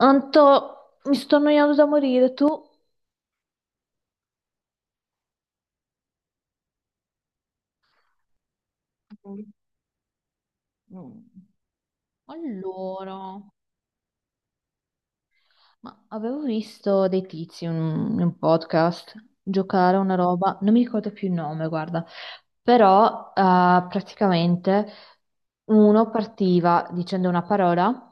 Anto, mi sto annoiando da morire, tu? Mm. Allora, ma avevo visto dei tizi in in un podcast giocare a una roba, non mi ricordo più il nome, guarda, però praticamente uno partiva dicendo una parola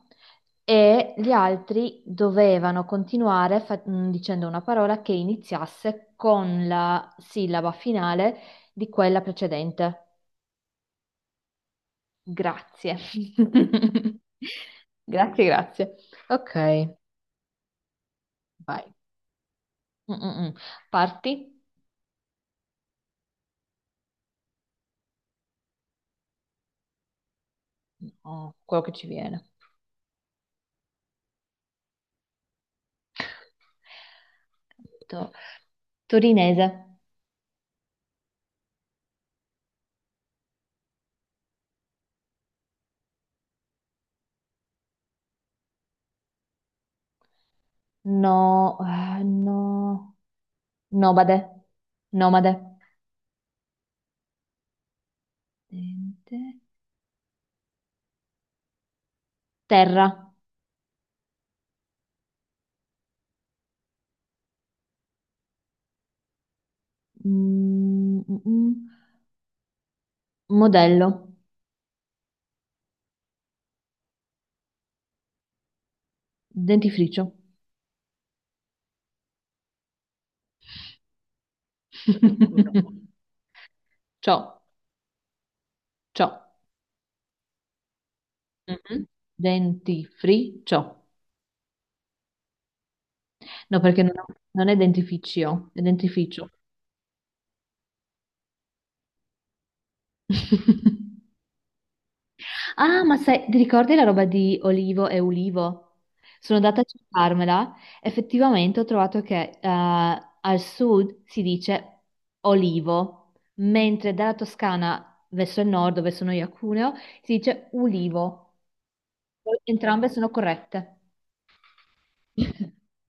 e gli altri dovevano continuare dicendo una parola che iniziasse con la sillaba finale di quella precedente. Grazie. Grazie, grazie. Ok, vai. Mm, mm, mm. Parti? No, quello che ci viene. To- Torinese. No, no. Nomade. Nomade. Dente. Terra. Mm, mm, mm. Modello. Dentifricio. Ciò, ciò. Mhm. Dentifricio. No, perché non, non è dentifricio, è dentifricio. Ah, ma sai, ti ricordi la roba di Olivo e Ulivo? Sono andata a cercarmela. Effettivamente ho trovato che al sud si dice Olivo, mentre dalla Toscana verso il nord, dove sono io a Cuneo, si dice Ulivo. Entrambe sono corrette.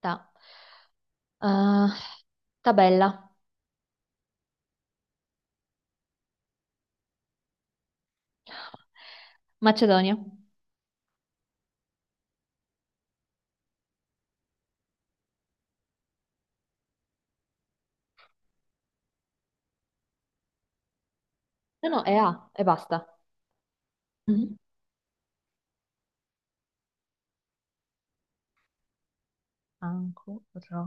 Ta. Eh, tabella. Macedonia. No, no, è A e basta. Mhm. Ancora.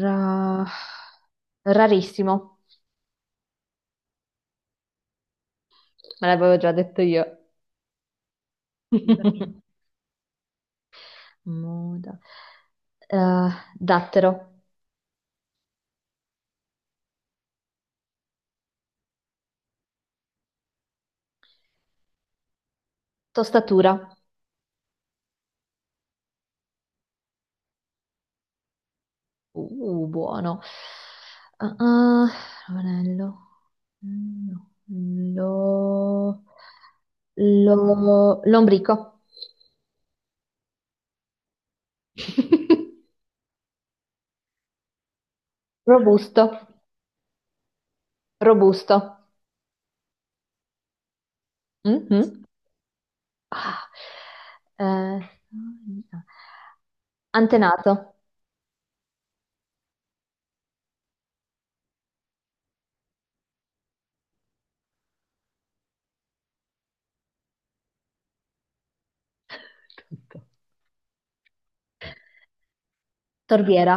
Ra- Rarissimo, me l'avevo già detto io. Moda. Eh, dattero. Tostatura. Buono. Ah, ah, ravanello. Mm, no. Lombrico. Robusto. Robusto. Mhm. Ah. Eh, antenato. Tutto. Torbiera?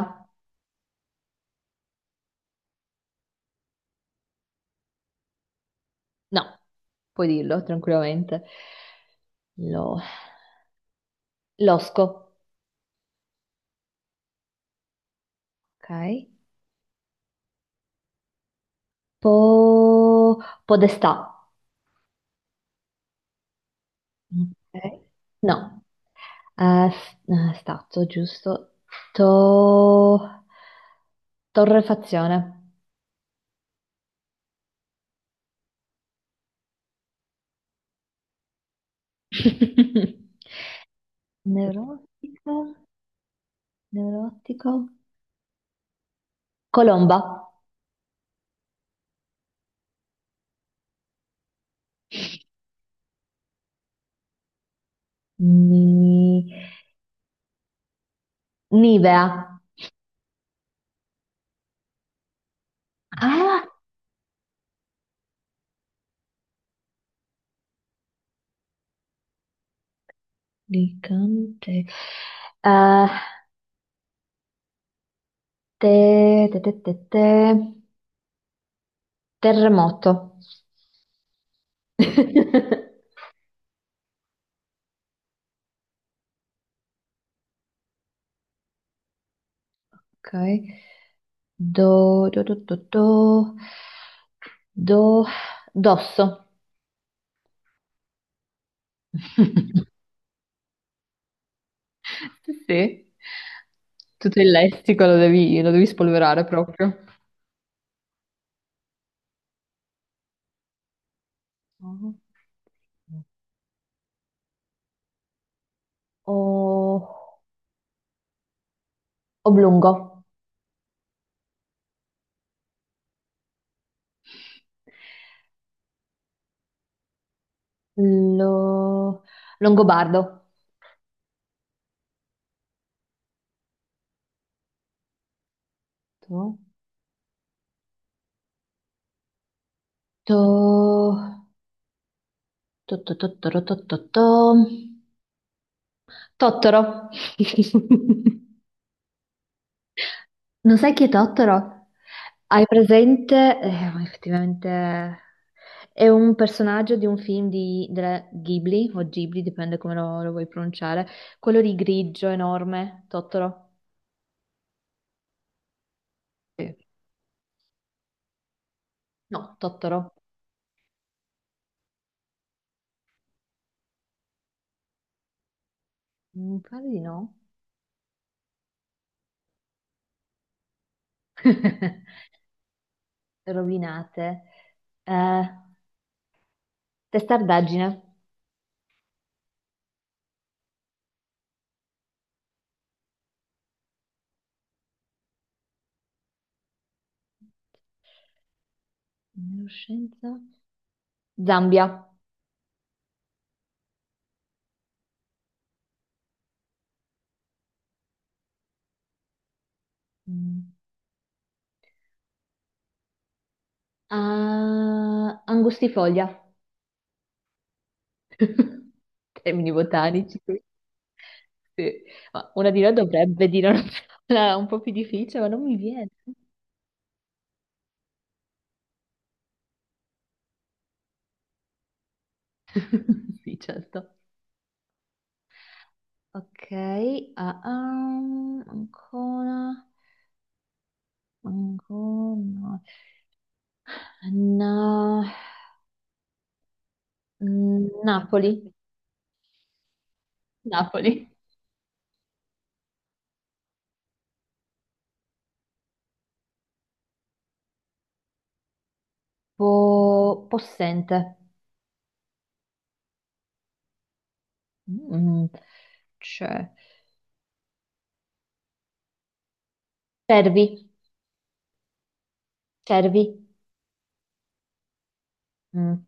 No, puoi dirlo tranquillamente. Lo- Losco, ok. Po- Podestà. Ok. No, stato giusto. To- Torrefazione. Neurotica, neurotico. Colomba. Ni- Nivea. Ah, Alicante. Eh, te, te, te, te, te. Terremoto. Ok. Do, do, do, do, do. Do, dosso. Sì, sì. Tutto il lessico lo devi spolverare proprio. Oh. O- oblungo. Lo- Longobardo. Tu? To... Tottoro, Tottoro. Non sai chi è Tottoro? Hai presente? Ma effettivamente è un personaggio di un film di, della Ghibli, o Ghibli, dipende come lo vuoi pronunciare. Quello di grigio enorme, Tottoro. Sì. No, Tottoro. Mi pare di no. Rovinate. Eh, testardaggine. Neuroscienza. Zambia. Mm. Ah, angustifoglia. Termini botanici. Sì. Ma una di noi dovrebbe dire una parola un po' più difficile, ma non mi viene. Sì, certo. Ok, ancora, ancora. Na- Napoli, Napoli. Possente. Mm, c'è. Cervi, cervi. Mhm.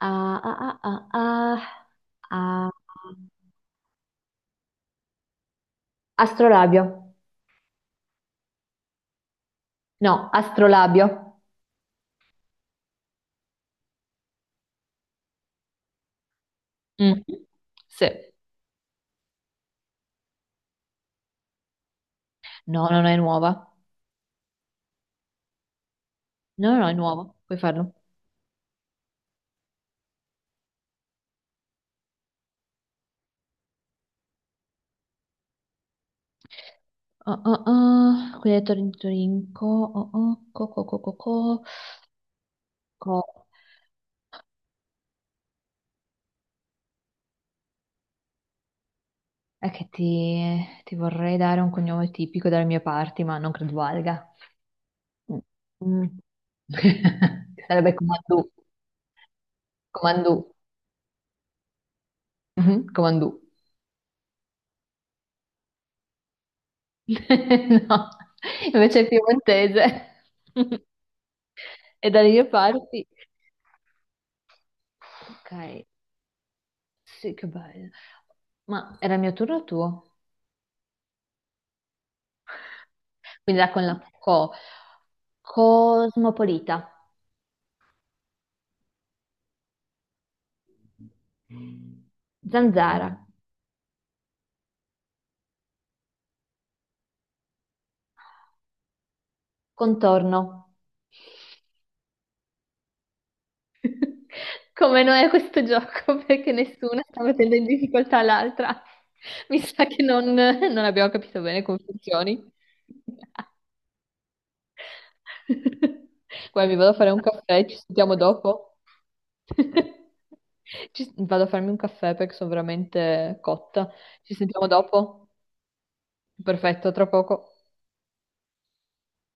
Ah, ah, ah, ah, ah, ah. Astrolabio. No, astrolabio. Mm. Sì. No, no, no, è nuova. No, no, no, è nuova. Puoi farlo. Oh, oh, oh. Quindi hai detto Torinco. Oh, oh. Co. È che ti, ti vorrei dare un cognome tipico dalle mie parti, ma non credo valga. Mm. Mm. Sarebbe Comandù. Comandù. Mhm, Comandù. No, invece è piemontese. E dalle mie parti. Ok, sì, che bello. Ma era il mio turno o tuo? Quindi era con la co. Cosmopolita. Zanzara. Contorno. Come noi a questo gioco, perché nessuna sta mettendo in difficoltà l'altra. Mi sa che non abbiamo capito bene come funzioni. Guarda, mi vado a fare un caffè, ci sentiamo dopo. Vado a farmi un caffè perché sono veramente cotta. Ci sentiamo dopo? Perfetto, tra poco.